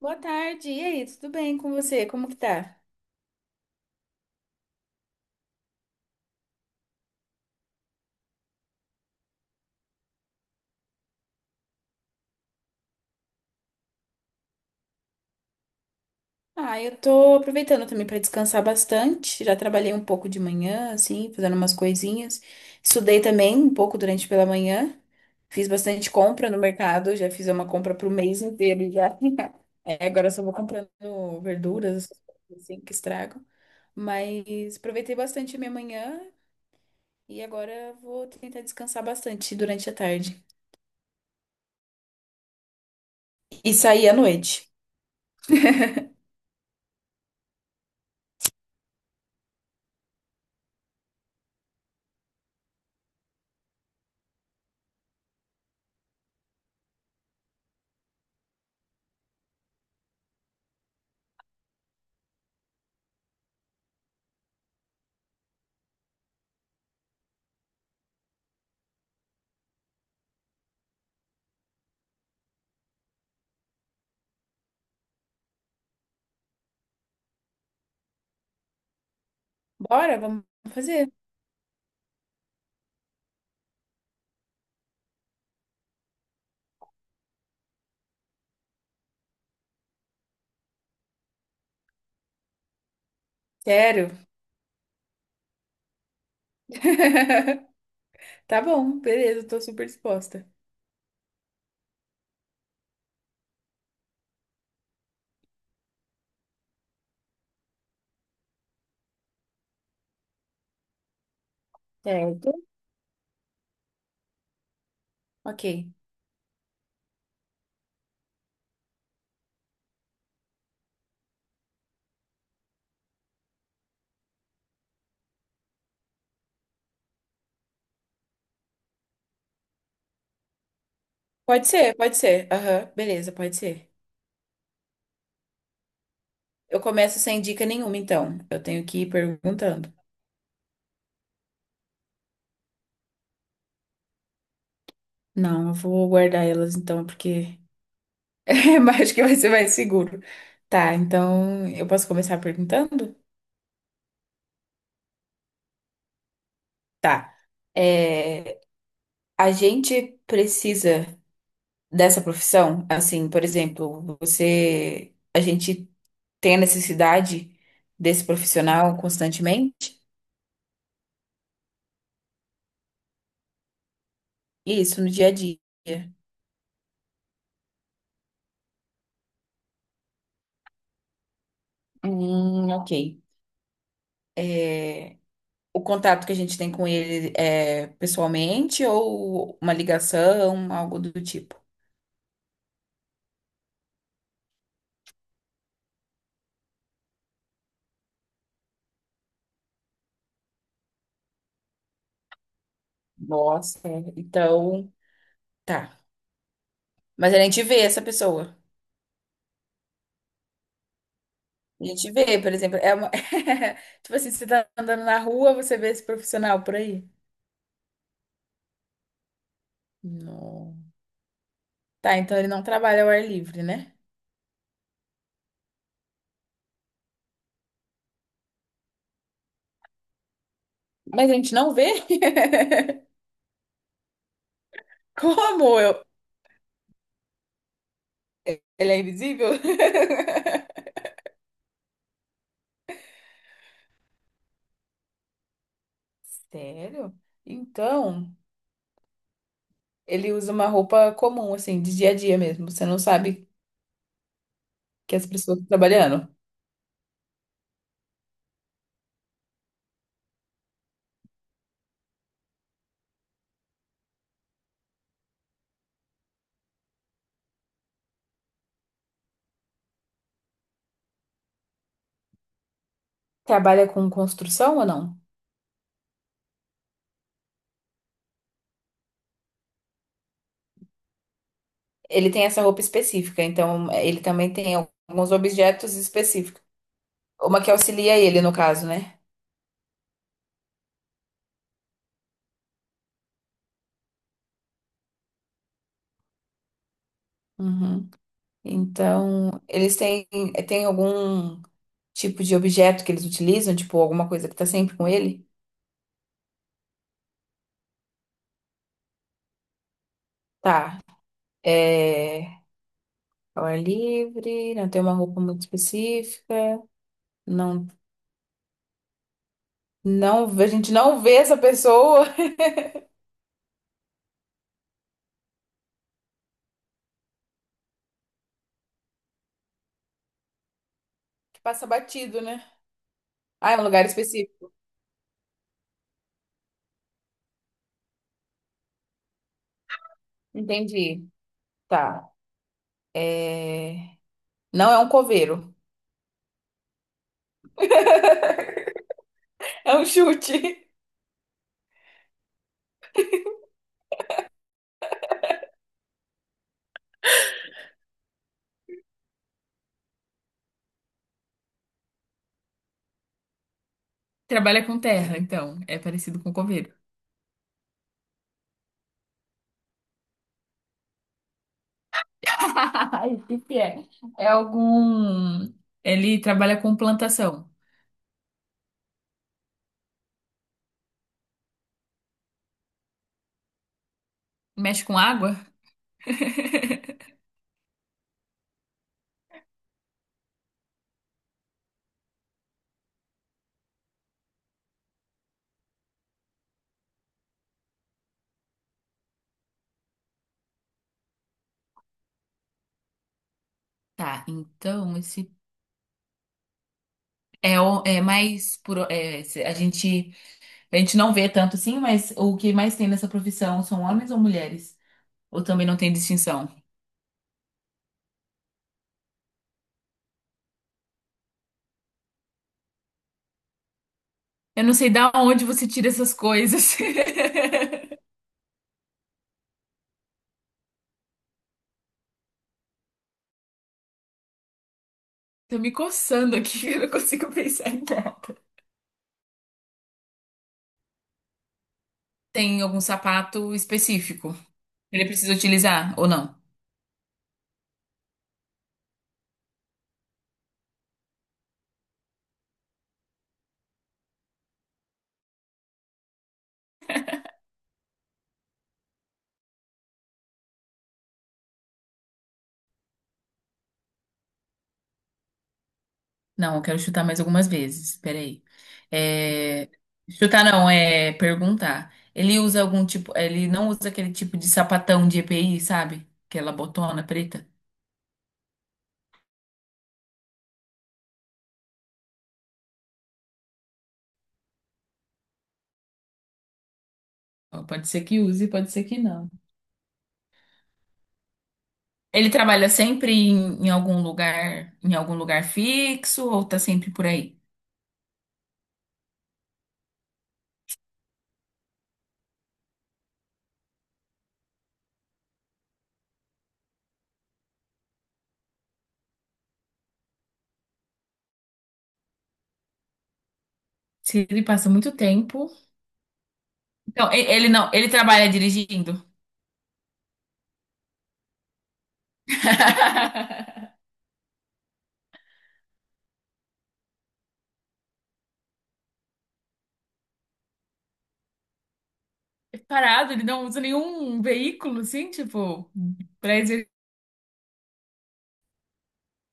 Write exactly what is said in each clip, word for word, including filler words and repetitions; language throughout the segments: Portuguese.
Boa tarde, e aí, tudo bem com você? Como que tá? Ah, eu tô aproveitando também para descansar bastante. Já trabalhei um pouco de manhã, assim, fazendo umas coisinhas. Estudei também um pouco durante pela manhã. Fiz bastante compra no mercado, já fiz uma compra pro mês inteiro já. É, agora eu só vou comprando verduras, essas coisas assim, que estragam. Mas aproveitei bastante a minha manhã e agora vou tentar descansar bastante durante a tarde. E sair à noite. Bora, vamos fazer. Sério. Tá bom, beleza, tô super disposta. Certo. Ok. Pode ser, pode ser. Aham, beleza, pode ser. Eu começo sem dica nenhuma, então. Eu tenho que ir perguntando. Não, eu vou guardar elas então, porque eu acho que vai ser mais seguro. Tá, então eu posso começar perguntando? Tá. É, a gente precisa dessa profissão? Assim, por exemplo, você. A gente tem a necessidade desse profissional constantemente? Isso, no dia a dia. Hum, ok. É, o contato que a gente tem com ele é pessoalmente ou uma ligação, algo do tipo. Nossa, então. Tá. Mas a gente vê essa pessoa. A gente vê, por exemplo, é uma... tipo assim, você tá andando na rua, você vê esse profissional por aí. Não. Tá, então ele não trabalha ao ar livre, né? Mas a gente não vê? Como eu? Ele é invisível? Sério? Então. Ele usa uma roupa comum, assim, de dia a dia mesmo. Você não sabe que as pessoas estão trabalhando. Trabalha com construção ou não? Ele tem essa roupa específica, então ele também tem alguns objetos específicos. Uma que auxilia ele, no caso, né? Uhum. Então, eles têm, têm algum. Tipo de objeto que eles utilizam, tipo alguma coisa que tá sempre com ele? Tá. É. Ao ar livre, não tem uma roupa muito específica, não, não, a gente não vê essa pessoa que passa batido, né? Ah, é um lugar específico. Entendi. Tá. É... Não é um coveiro. É um chute. Trabalha com terra, então. É parecido com coveiro. Que que é? É algum. Ele trabalha com plantação. Mexe com água? Tá, então esse é, o- é mais por é, se- a gente a gente não vê tanto assim, mas o que mais tem nessa profissão são homens ou mulheres? Ou também não tem distinção? Eu não sei da onde você tira essas coisas. Tô me coçando aqui, eu não consigo pensar em nada. Tem algum sapato específico? Que Ele precisa utilizar ou não? Não, eu quero chutar mais algumas vezes. Peraí. É, chutar não, é perguntar. Ele usa algum tipo. Ele não usa aquele tipo de sapatão de E P I, sabe? Aquela botona preta. Ó, pode ser que use, pode ser que não. Ele trabalha sempre em, em algum lugar, em algum lugar fixo, ou tá sempre por aí? Se ele passa muito tempo. Então, e- ele não, ele trabalha dirigindo. Parado, ele não usa nenhum veículo, assim, tipo, pra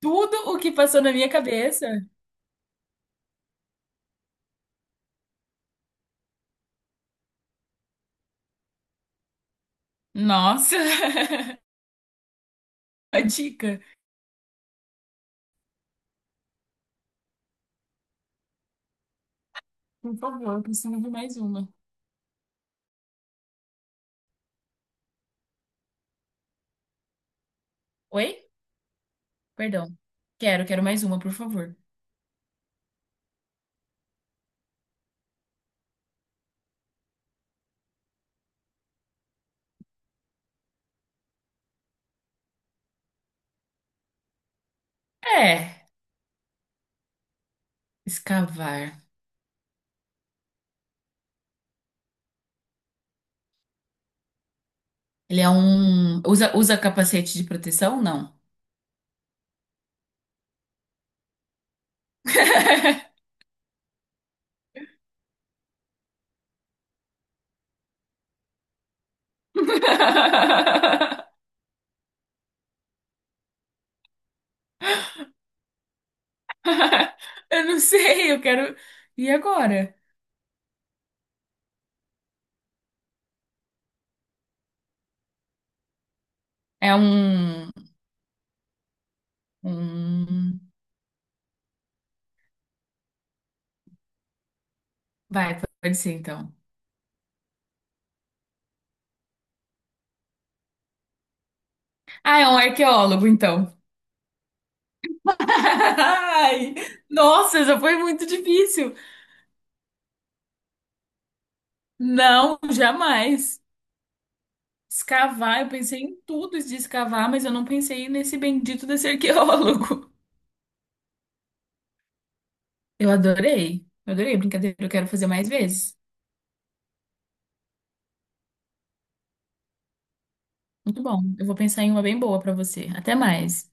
Tudo o que passou na minha cabeça. Nossa, a dica. Por favor, eu preciso de mais uma. Oi? Perdão. Quero, quero mais uma, por favor. É, escavar. Ele é um. Usa, usa capacete de proteção? Não. Eu não sei, eu quero. E agora? É um. Um... Vai, pode ser então. Ah, é um arqueólogo, então. Ai, nossa, essa foi muito difícil. Não, jamais. Escavar, eu pensei em tudo de escavar, mas eu não pensei nesse bendito desse arqueólogo. Eu adorei. Eu adorei a brincadeira, eu quero fazer mais vezes. Muito bom. Eu vou pensar em uma bem boa pra você. Até mais.